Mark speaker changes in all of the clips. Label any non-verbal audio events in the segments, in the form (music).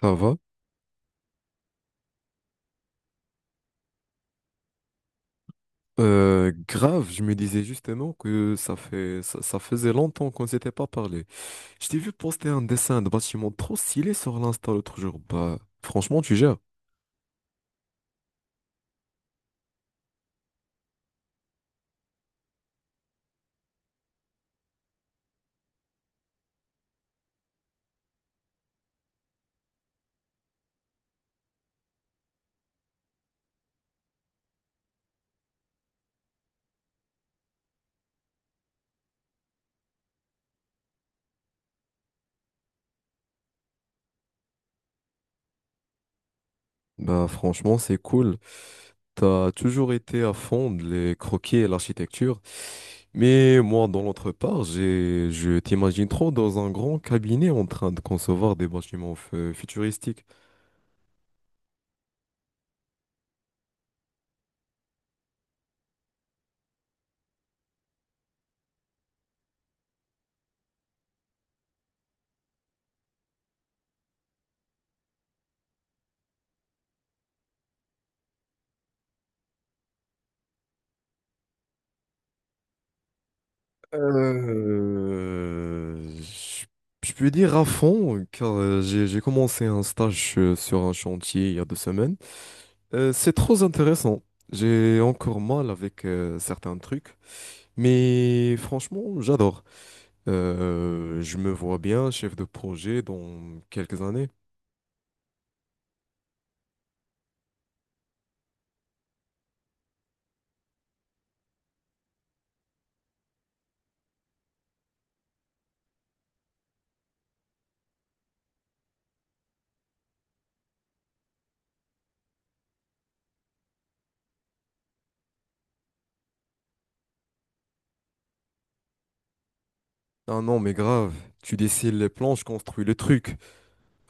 Speaker 1: Ça va. Grave, je me disais justement que ça faisait longtemps qu'on s'était pas parlé. Je t'ai vu poster un dessin de bâtiment trop stylé sur l'Insta l'autre jour. Bah, franchement, tu gères. Bah, franchement, c'est cool. T'as toujours été à fond de les croquis et l'architecture. Mais moi, dans l'autre part, je t'imagine trop dans un grand cabinet en train de concevoir des bâtiments futuristiques. Euh, je je peux dire à fond, car j'ai commencé un stage sur un chantier il y a 2 semaines. C'est trop intéressant. J'ai encore mal avec certains trucs, mais franchement, j'adore. Je me vois bien chef de projet dans quelques années. Ah non, mais grave, tu dessines les plans, je construis le truc.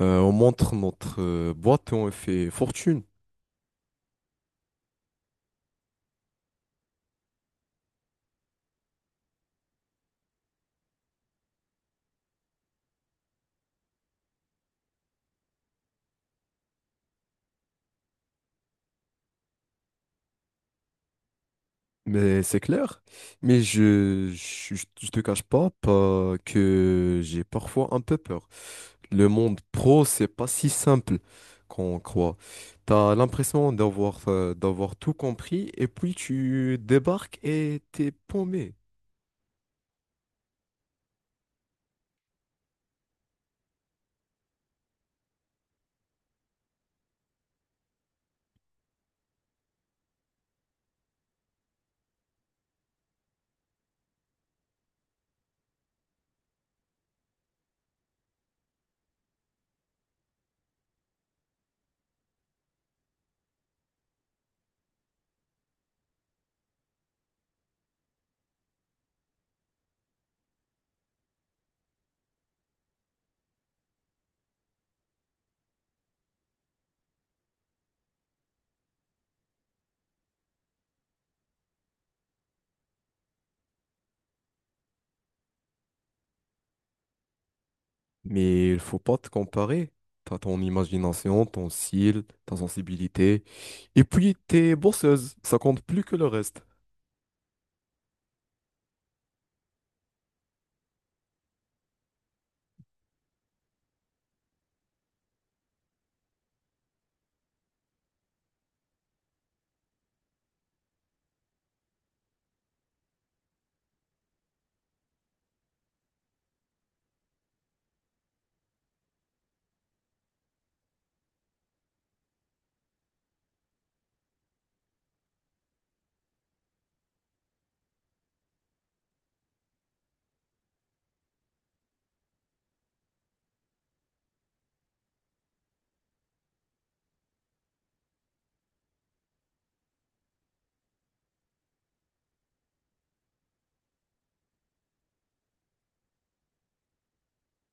Speaker 1: On montre notre boîte et on fait fortune. Mais c'est clair. Mais je te cache pas que j'ai parfois un peu peur. Le monde pro, c'est pas si simple qu'on croit. T'as l'impression d'avoir tout compris et puis tu débarques et t'es paumé. Mais il faut pas te comparer. T'as ton imagination, ton style, ta sensibilité. Et puis t'es bosseuse. Ça compte plus que le reste.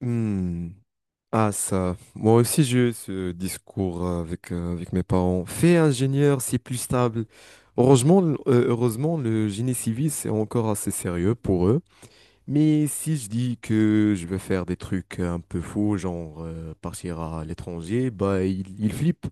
Speaker 1: Hmm. Ah ça, moi aussi j'ai eu ce discours avec mes parents. Fais ingénieur, c'est plus stable. Heureusement, le génie civil, c'est encore assez sérieux pour eux. Mais si je dis que je veux faire des trucs un peu fous, genre partir à l'étranger, bah ils flippent.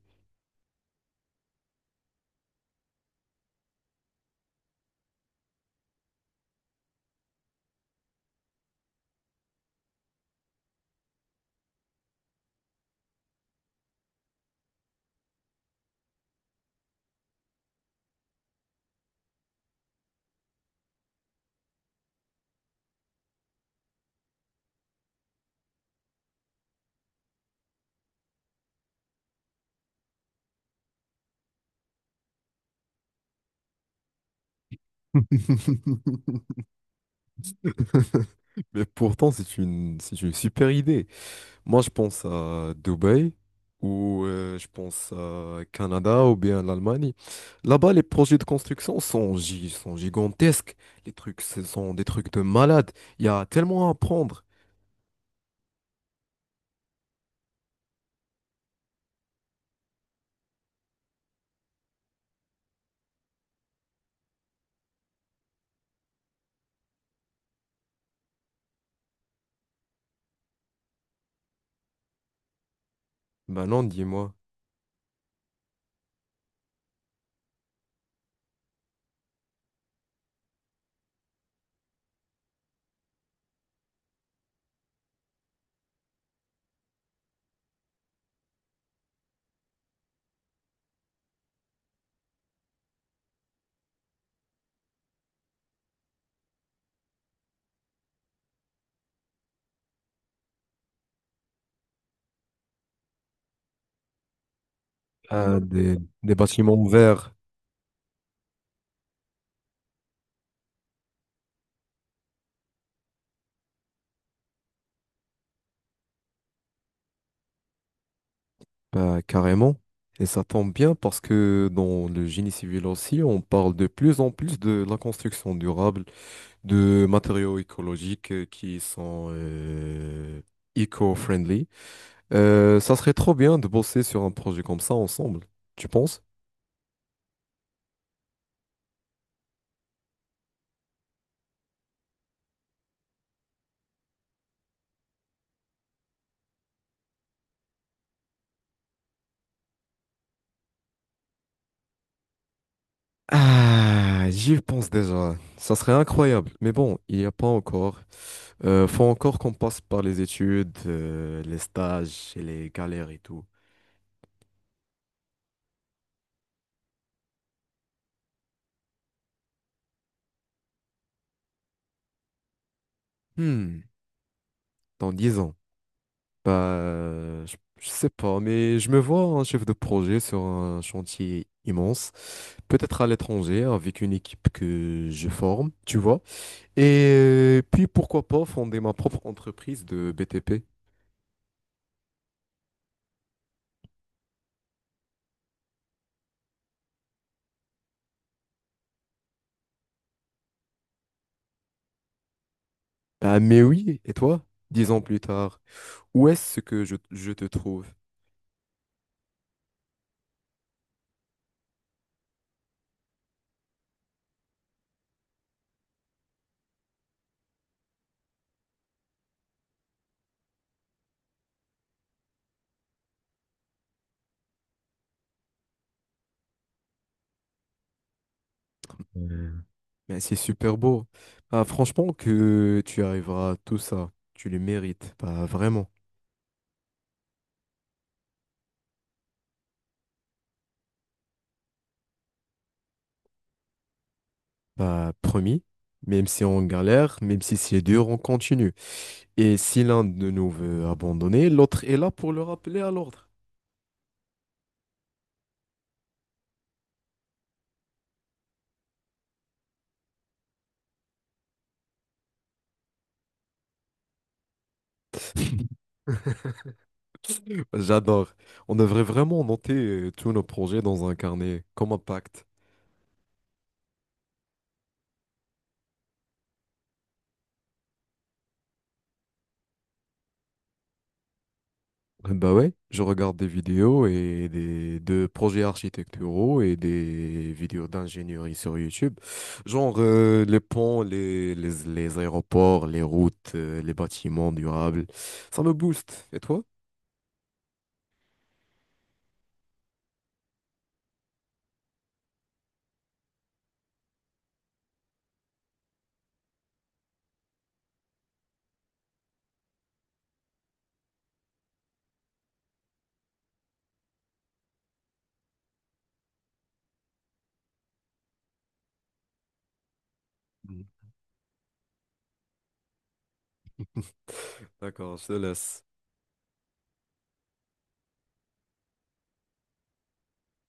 Speaker 1: (laughs) (laughs) Mais pourtant, c'est une super idée. Moi, je pense à Dubaï ou je pense à Canada ou bien l'Allemagne. Là-bas, les projets de construction sont gigantesques. Les trucs, ce sont des trucs de malade. Il y a tellement à apprendre. Ben non, dis-moi. Des bâtiments verts, ben, carrément. Et ça tombe bien parce que dans le génie civil aussi, on parle de plus en plus de la construction durable, de matériaux écologiques qui sont eco-friendly. Ça serait trop bien de bosser sur un projet comme ça ensemble, tu penses? Ah, j'y pense déjà. Ça serait incroyable. Mais bon, il n'y a pas encore. Faut encore qu'on passe par les études, les stages et les galères et tout. Hmm, dans 10 ans. Bah, je sais pas, mais je me vois un chef de projet sur un chantier immense, peut-être à l'étranger, avec une équipe que je forme, tu vois. Et puis pourquoi pas fonder ma propre entreprise de BTP. Ah, mais oui, et toi, 10 ans plus tard, où est-ce que je te trouve? Euh, Mais c'est super beau. Ah, franchement, que tu arriveras à tout ça, tu le mérites. Bah, vraiment. Bah, promis, même si on galère, même si c'est dur, on continue. Et si l'un de nous veut abandonner, l'autre est là pour le rappeler à l'ordre. (laughs) J'adore. On devrait vraiment noter tous nos projets dans un carnet, comme un pacte. Bah ouais, je regarde des vidéos et des de projets architecturaux et des vidéos d'ingénierie sur YouTube. Genre les ponts, les aéroports, les routes, les bâtiments durables. Ça me booste. Et toi? Mm. (laughs) D'accord, je te laisse.